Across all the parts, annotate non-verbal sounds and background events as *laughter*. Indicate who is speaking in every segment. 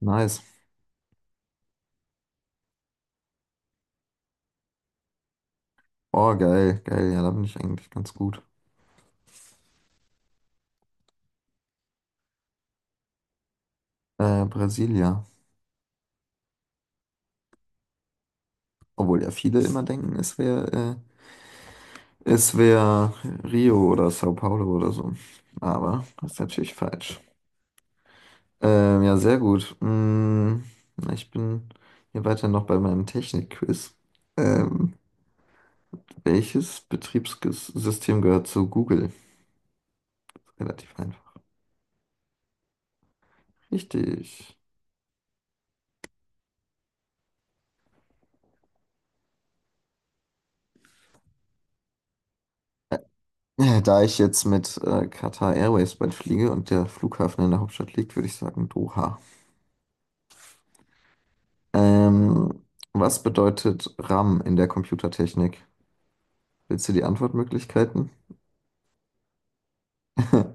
Speaker 1: Nice. Oh, geil, geil. Ja, da bin ich eigentlich ganz gut. Brasilia. Obwohl ja viele immer denken, es wäre Rio oder Sao Paulo oder so. Aber das ist natürlich falsch. Ja, sehr gut. Ich bin hier weiter noch bei meinem Technik-Quiz. Ähm, welches Betriebssystem gehört zu Google? Relativ einfach. Richtig. Da ich jetzt mit Qatar Airways bald fliege und der Flughafen in der Hauptstadt liegt, würde ich sagen Doha. Ähm, was bedeutet RAM in der Computertechnik? Willst du die Antwortmöglichkeiten? *laughs*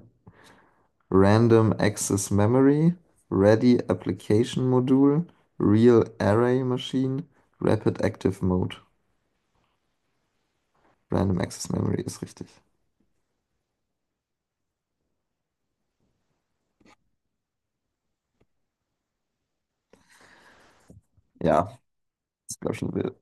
Speaker 1: Random Access Memory, Ready Application Module, Real Array Machine, Rapid Active Mode. Random Access Memory ist richtig. Ja, das glaube ich schon will.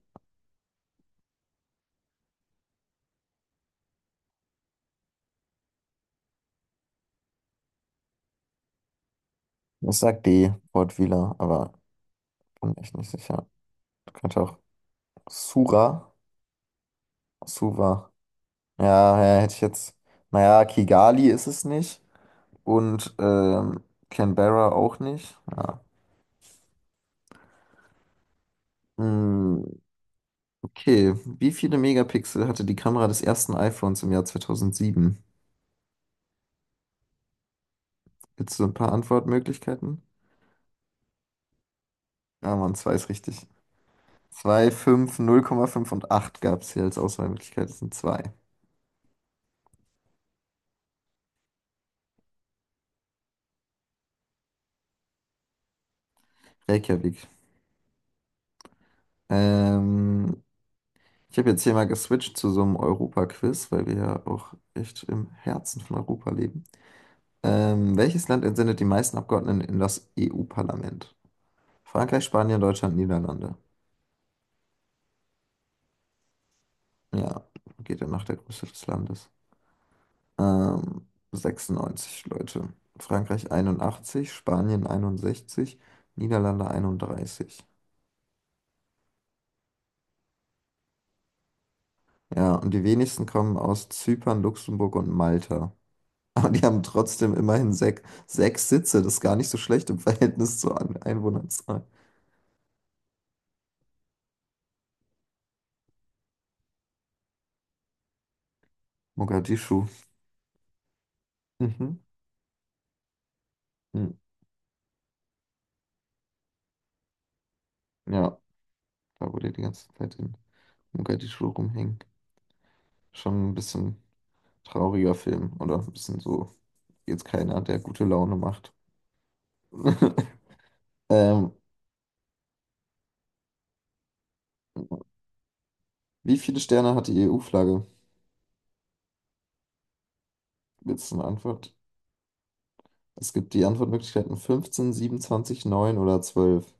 Speaker 1: Ich sag D, Wortwähler, aber bin echt nicht sicher. Könnte auch Sura, Suva. Ja, ja, hätte ich jetzt. Naja, Kigali ist es nicht. Und Canberra auch nicht. Ja. Hm, okay. Wie viele Megapixel hatte die Kamera des ersten iPhones im Jahr 2007? Willst du ein paar Antwortmöglichkeiten? Ja, Mann, zwei ist richtig. Zwei fünf 0,5 und 8 gab es hier als Auswahlmöglichkeit. Das sind zwei. Reykjavik. Ähm, ich habe jetzt hier mal geswitcht zu so einem Europa-Quiz, weil wir ja auch echt im Herzen von Europa leben. Welches Land entsendet die meisten Abgeordneten in das EU-Parlament? Frankreich, Spanien, Deutschland, Niederlande. Ja, geht ja nach der Größe des Landes. 96 Leute. Frankreich 81, Spanien 61, Niederlande 31. Ja, und die wenigsten kommen aus Zypern, Luxemburg und Malta. *laughs* Aber die haben trotzdem immerhin sechs Sitze. Das ist gar nicht so schlecht im *laughs* Verhältnis zur Einwohnerzahl. Mogadischu. Mhm. Hm. Ja, da wo die die ganze Zeit in Mogadischu rumhängen. Schon ein bisschen. Trauriger Film oder ein bisschen so, jetzt keiner, der gute Laune macht. *laughs* Ähm, wie viele Sterne hat die EU-Flagge? Jetzt eine Antwort. Es gibt die Antwortmöglichkeiten 15, 27, 9 oder 12.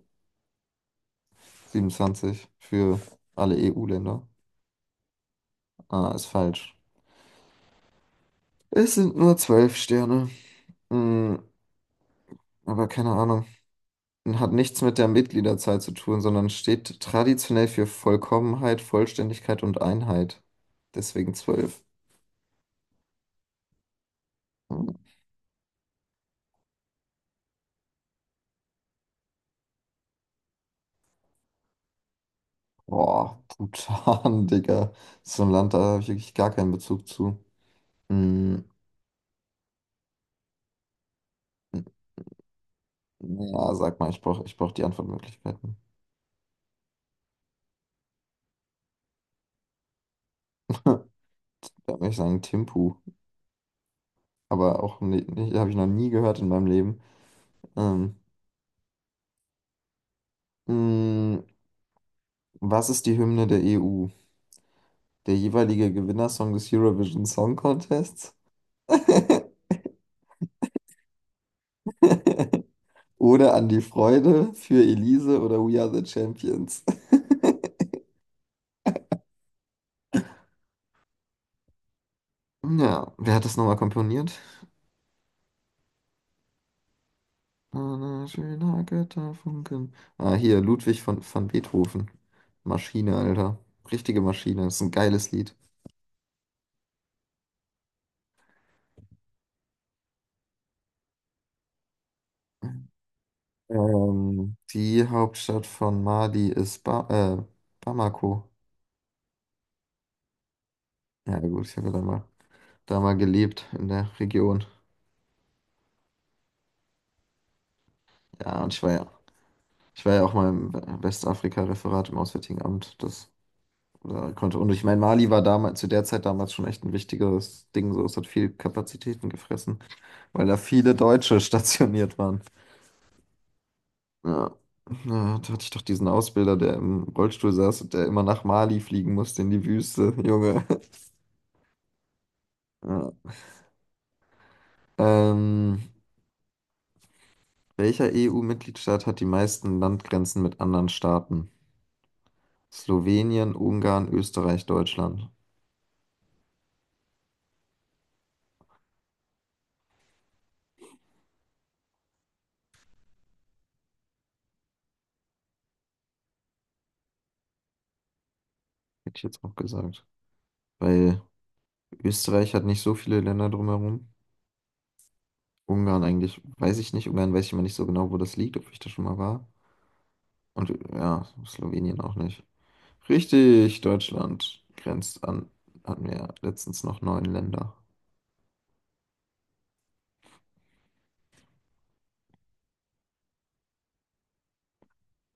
Speaker 1: 27 für alle EU-Länder. Ah, ist falsch. Es sind nur 12 Sterne. Hm, aber keine Ahnung. Hat nichts mit der Mitgliederzahl zu tun, sondern steht traditionell für Vollkommenheit, Vollständigkeit und Einheit. Deswegen 12. Boah, Bhutan, *laughs* Digga. So ein Land, da habe ich wirklich gar keinen Bezug zu. Mm, ja, sag mal, ich brauch die Antwortmöglichkeiten. *laughs* Da würde ich sagen Thimphu. Aber auch nicht, nicht habe ich noch nie gehört in meinem Leben. Ähm, mm, was ist die Hymne der EU? Der jeweilige Gewinnersong des Eurovision Song Contests? *laughs* Oder An die Freude für Elise oder We Are the Champions? Ja, wer hat das nochmal komponiert? Ein schöner Götterfunken. Ah, hier, Ludwig von Beethoven. Maschine, Alter. Richtige Maschine. Das ist ein geiles Lied. Die Hauptstadt von Mali ist ba äh, Bamako. Ja, gut, ich habe ja da mal gelebt in der Region. Ja, und ich war ja auch mal im Westafrika-Referat im Auswärtigen Amt. Das da konnte. Und ich meine, Mali war damals, zu der Zeit damals schon echt ein wichtiges Ding. So, es hat viel Kapazitäten gefressen, weil da viele Deutsche *laughs* stationiert waren. Ja. Ja, da hatte ich doch diesen Ausbilder, der im Rollstuhl saß und der immer nach Mali fliegen musste in die Wüste, *laughs* Junge. Ja. Ähm, welcher EU-Mitgliedstaat hat die meisten Landgrenzen mit anderen Staaten? Slowenien, Ungarn, Österreich, Deutschland. Hätte ich jetzt auch gesagt. Weil Österreich hat nicht so viele Länder drumherum. Ungarn eigentlich, weiß ich nicht. Ungarn weiß ich immer nicht so genau, wo das liegt, ob ich da schon mal war. Und ja, Slowenien auch nicht. Richtig, Deutschland grenzt an, hatten wir ja letztens noch neun Länder.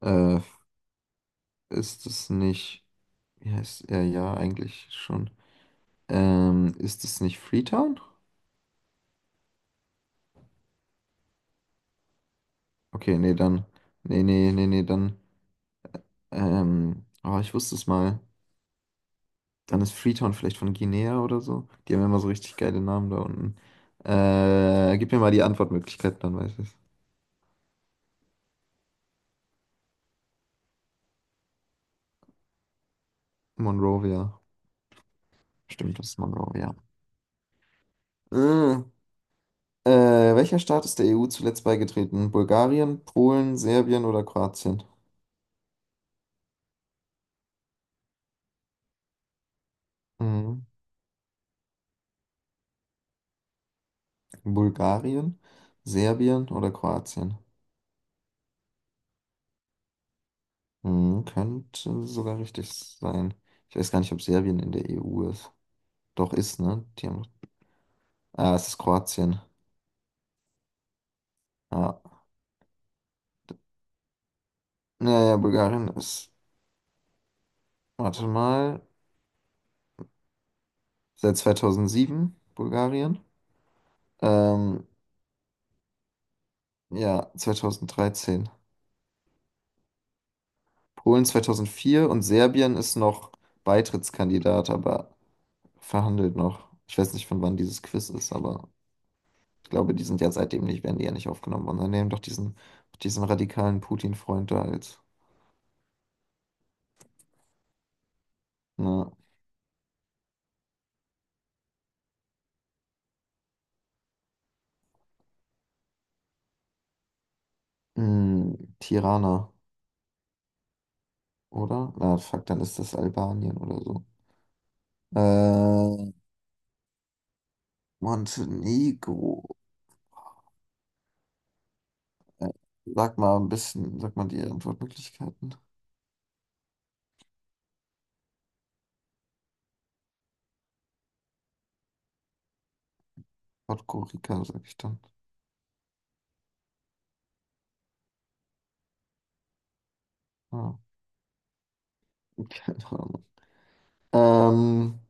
Speaker 1: Äh, ist es nicht, wie heißt, ja, ja, eigentlich schon. Ist es nicht Freetown? Okay, nee, dann, nee, nee, nee, nee, dann, oh, ich wusste es mal. Dann ist Freetown vielleicht von Guinea oder so. Die haben immer so richtig geile Namen da unten. Gib mir mal die Antwortmöglichkeit, dann weiß ich es. Monrovia. Stimmt, das ist Monrovia. Äh. Äh, welcher Staat ist der EU zuletzt beigetreten? Bulgarien, Polen, Serbien oder Kroatien? Mhm. Bulgarien, Serbien oder Kroatien? Mhm, könnte sogar richtig sein. Ich weiß gar nicht, ob Serbien in der EU ist. Doch ist, ne? Die haben... Ah, es ist Kroatien. Ja. Naja, Bulgarien ist, warte mal, seit 2007 Bulgarien. Ähm, ja, 2013. Polen 2004 und Serbien ist noch Beitrittskandidat, aber verhandelt noch. Ich weiß nicht, von wann dieses Quiz ist, aber ich glaube, die sind ja seitdem nicht, werden die ja nicht aufgenommen worden. Dann nehmen doch diesen radikalen Putin-Freund da als ne, Tirana, oder? Na, fuck, dann ist das Albanien oder so. Äh, Montenegro. Äh, Sag mal die Antwortmöglichkeiten. Podgorica, sag ich dann. Ja, *laughs* keine Ahnung. Ähm,